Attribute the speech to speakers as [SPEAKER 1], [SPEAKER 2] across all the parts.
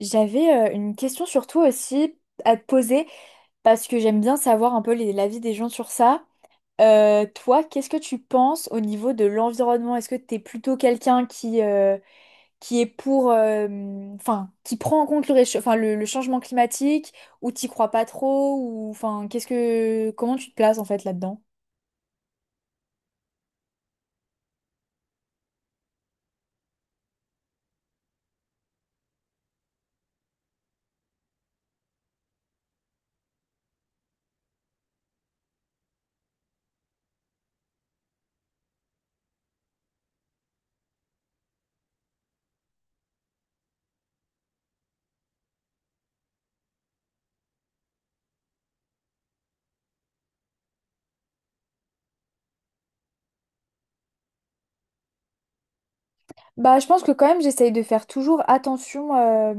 [SPEAKER 1] J'avais une question sur toi aussi à te poser parce que j'aime bien savoir un peu l'avis des gens sur ça. Toi, qu'est-ce que tu penses au niveau de l'environnement? Est-ce que tu es plutôt quelqu'un qui est pour, enfin, qui prend en compte le, enfin, le changement climatique ou t'y crois pas trop ou enfin, comment tu te places en fait là-dedans? Bah, je pense que quand même j'essaye de faire toujours attention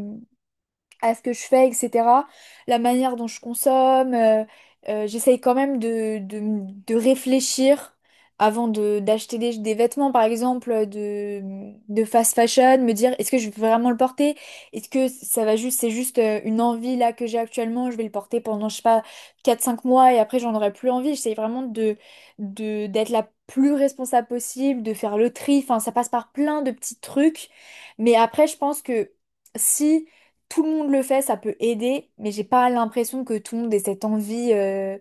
[SPEAKER 1] à ce que je fais, etc. La manière dont je consomme. J'essaye quand même de réfléchir avant d'acheter des vêtements, par exemple, de fast fashion, me dire est-ce que je vais vraiment le porter? Est-ce que c'est juste une envie là que j'ai actuellement, je vais le porter pendant, je sais pas, quatre cinq mois et après j'en aurai plus envie. J'essaye vraiment d'être la plus responsable possible, de faire le tri. Enfin, ça passe par plein de petits trucs. Mais après, je pense que si tout le monde le fait, ça peut aider, mais j'ai pas l'impression que tout le monde ait cette envie euh,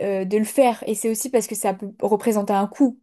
[SPEAKER 1] euh, de le faire. Et c'est aussi parce que ça peut représenter un coût.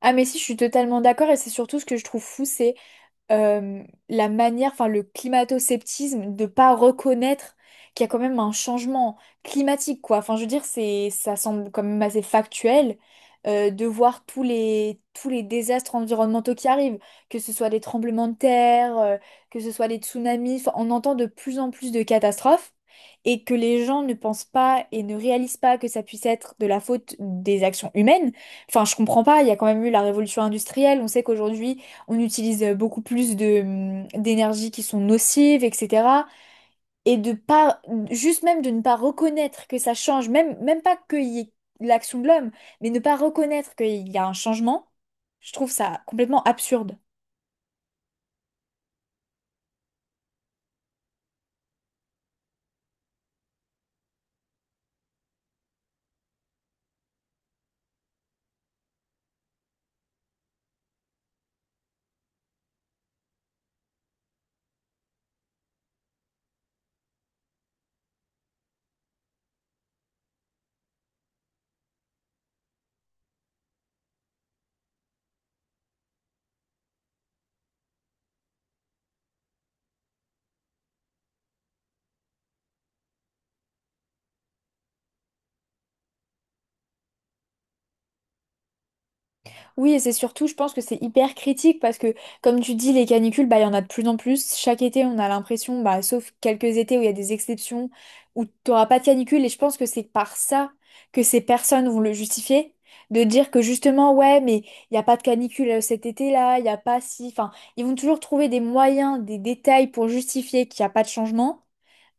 [SPEAKER 1] Ah mais si, je suis totalement d'accord et c'est surtout ce que je trouve fou, c'est euh, la manière, enfin le climato-sceptisme de pas reconnaître qu'il y a quand même un changement climatique, quoi. Enfin, je veux dire, ça semble quand même assez factuel de voir tous les désastres environnementaux qui arrivent, que ce soit des tremblements de terre, que ce soit des tsunamis. Enfin, on entend de plus en plus de catastrophes. Et que les gens ne pensent pas et ne réalisent pas que ça puisse être de la faute des actions humaines. Enfin, je comprends pas, il y a quand même eu la révolution industrielle. On sait qu'aujourd'hui, on utilise beaucoup plus de d'énergies qui sont nocives, etc. Et de pas, juste même de ne pas reconnaître que ça change, même, même pas qu'il y ait l'action de l'homme, mais ne pas reconnaître qu'il y a un changement, je trouve ça complètement absurde. Oui, et c'est surtout, je pense que c'est hyper critique parce que, comme tu dis, les canicules, bah, il y en a de plus en plus. Chaque été, on a l'impression, bah, sauf quelques étés où il y a des exceptions, où tu n'auras pas de canicule. Et je pense que c'est par ça que ces personnes vont le justifier, de dire que justement, ouais, mais il n'y a pas de canicule cet été-là, il n'y a pas si... Enfin, ils vont toujours trouver des moyens, des détails pour justifier qu'il n'y a pas de changement.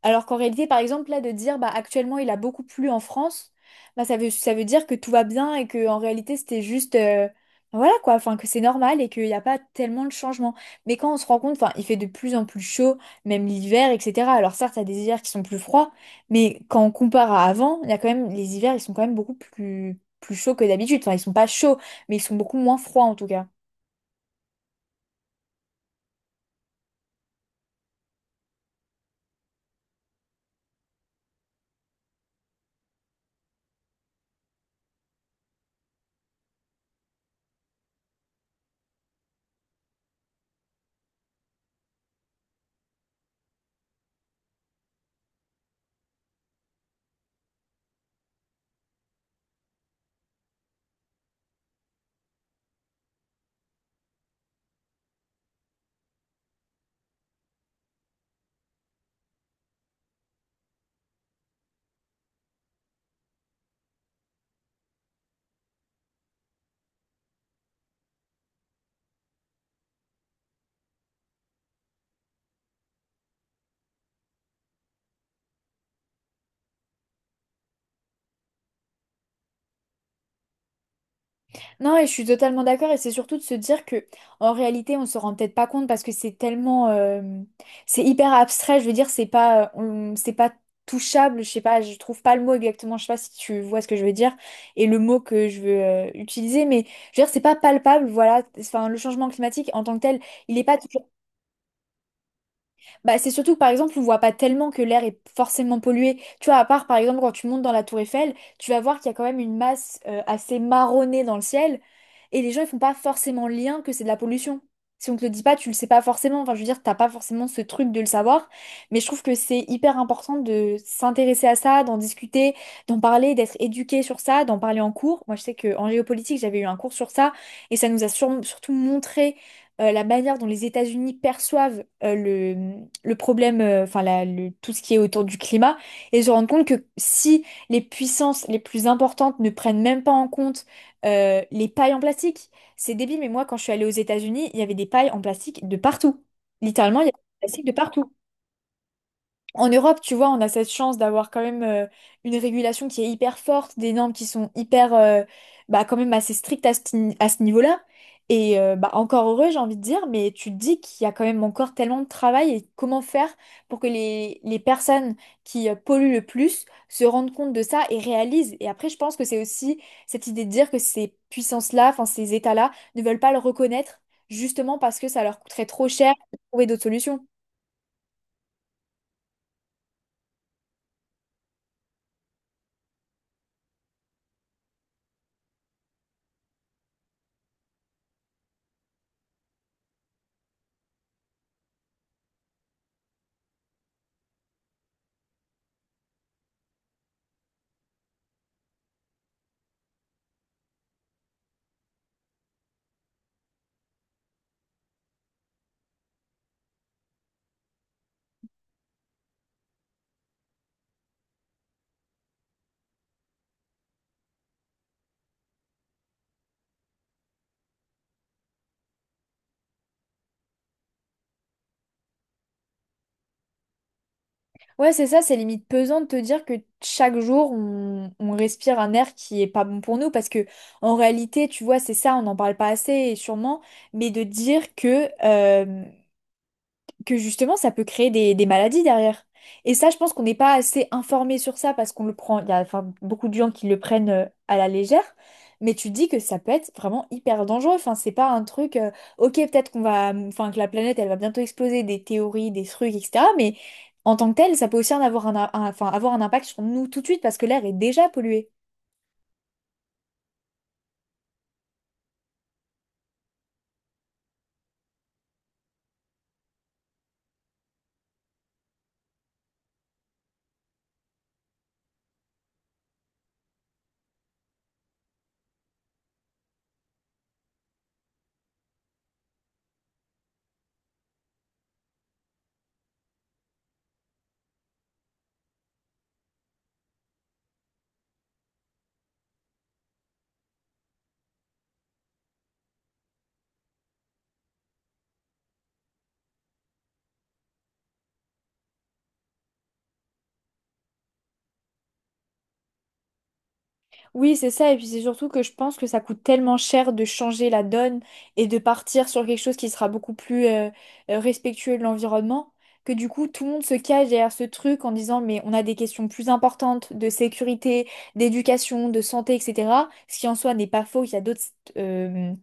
[SPEAKER 1] Alors qu'en réalité, par exemple, là, de dire, bah, actuellement, il a beaucoup plu en France, ça veut dire que tout va bien et que, en réalité, c'était juste, bah, voilà, quoi, enfin, que c'est normal et qu'il n'y a pas tellement de changement. Mais quand on se rend compte, enfin, il fait de plus en plus chaud, même l'hiver, etc. Alors certes, il y a des hivers qui sont plus froids, mais quand on compare à avant, il y a quand même, les hivers, ils sont quand même plus chauds que d'habitude. Enfin, ils sont pas chauds, mais ils sont beaucoup moins froids, en tout cas. Non, et je suis totalement d'accord, et c'est surtout de se dire que, en réalité, on se rend peut-être pas compte parce que c'est tellement, c'est hyper abstrait. Je veux dire, c'est pas touchable. Je sais pas, je trouve pas le mot exactement. Je sais pas si tu vois ce que je veux dire et le mot que je veux utiliser, mais je veux dire, c'est pas palpable. Voilà, enfin, le changement climatique en tant que tel, il est pas toujours bah, c'est surtout que par exemple, on voit pas tellement que l'air est forcément pollué. Tu vois, à part par exemple quand tu montes dans la tour Eiffel, tu vas voir qu'il y a quand même une masse assez marronnée dans le ciel et les gens ils font pas forcément le lien que c'est de la pollution. Si on te le dit pas, tu le sais pas forcément. Enfin, je veux dire, t'as pas forcément ce truc de le savoir. Mais je trouve que c'est hyper important de s'intéresser à ça, d'en discuter, d'en parler, d'être éduqué sur ça, d'en parler en cours. Moi, je sais que en géopolitique, j'avais eu un cours sur ça et ça nous a surtout montré la manière dont les États-Unis perçoivent le problème, tout ce qui est autour du climat, et se rendre compte que si les puissances les plus importantes ne prennent même pas en compte les pailles en plastique, c'est débile, mais moi quand je suis allée aux États-Unis, il y avait des pailles en plastique de partout. Littéralement, il y avait des plastiques de partout. En Europe, tu vois, on a cette chance d'avoir quand même une régulation qui est hyper forte, des normes qui sont hyper, bah, quand même assez strictes à ce, ni- à ce niveau-là. Et bah, encore heureux, j'ai envie de dire, mais tu te dis qu'il y a quand même encore tellement de travail et comment faire pour que les personnes qui polluent le plus se rendent compte de ça et réalisent. Et après, je pense que c'est aussi cette idée de dire que ces puissances-là, enfin ces États-là, ne veulent pas le reconnaître justement parce que ça leur coûterait trop cher de trouver d'autres solutions. Ouais, c'est ça, c'est limite pesant de te dire que chaque jour, on respire un air qui est pas bon pour nous, parce que en réalité, tu vois, c'est ça, on n'en parle pas assez, et sûrement, mais de dire que justement ça peut créer des maladies derrière. Et ça, je pense qu'on n'est pas assez informé sur ça parce qu'on le prend, il y a enfin, beaucoup de gens qui le prennent à la légère, mais tu dis que ça peut être vraiment hyper dangereux. Enfin, c'est pas un truc, ok, peut-être qu'on va, enfin, que la planète elle va bientôt exploser, des théories, des trucs, etc. Mais en tant que tel, ça peut aussi en avoir enfin, avoir un impact sur nous tout de suite parce que l'air est déjà pollué. Oui, c'est ça. Et puis c'est surtout que je pense que ça coûte tellement cher de changer la donne et de partir sur quelque chose qui sera beaucoup plus respectueux de l'environnement, que du coup tout le monde se cache derrière ce truc en disant mais on a des questions plus importantes de sécurité, d'éducation, de santé, etc. Ce qui en soi n'est pas faux, il y a d'autres euh,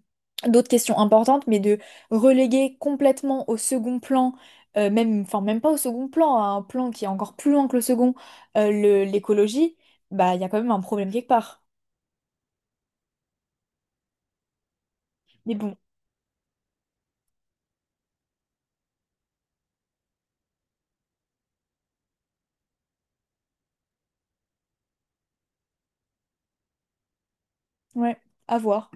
[SPEAKER 1] d'autres questions importantes, mais de reléguer complètement au second plan, même, enfin même pas au second plan, à un plan qui est encore plus loin que le second, l'écologie, bah il y a quand même un problème quelque part. Mais bon, ouais, à voir.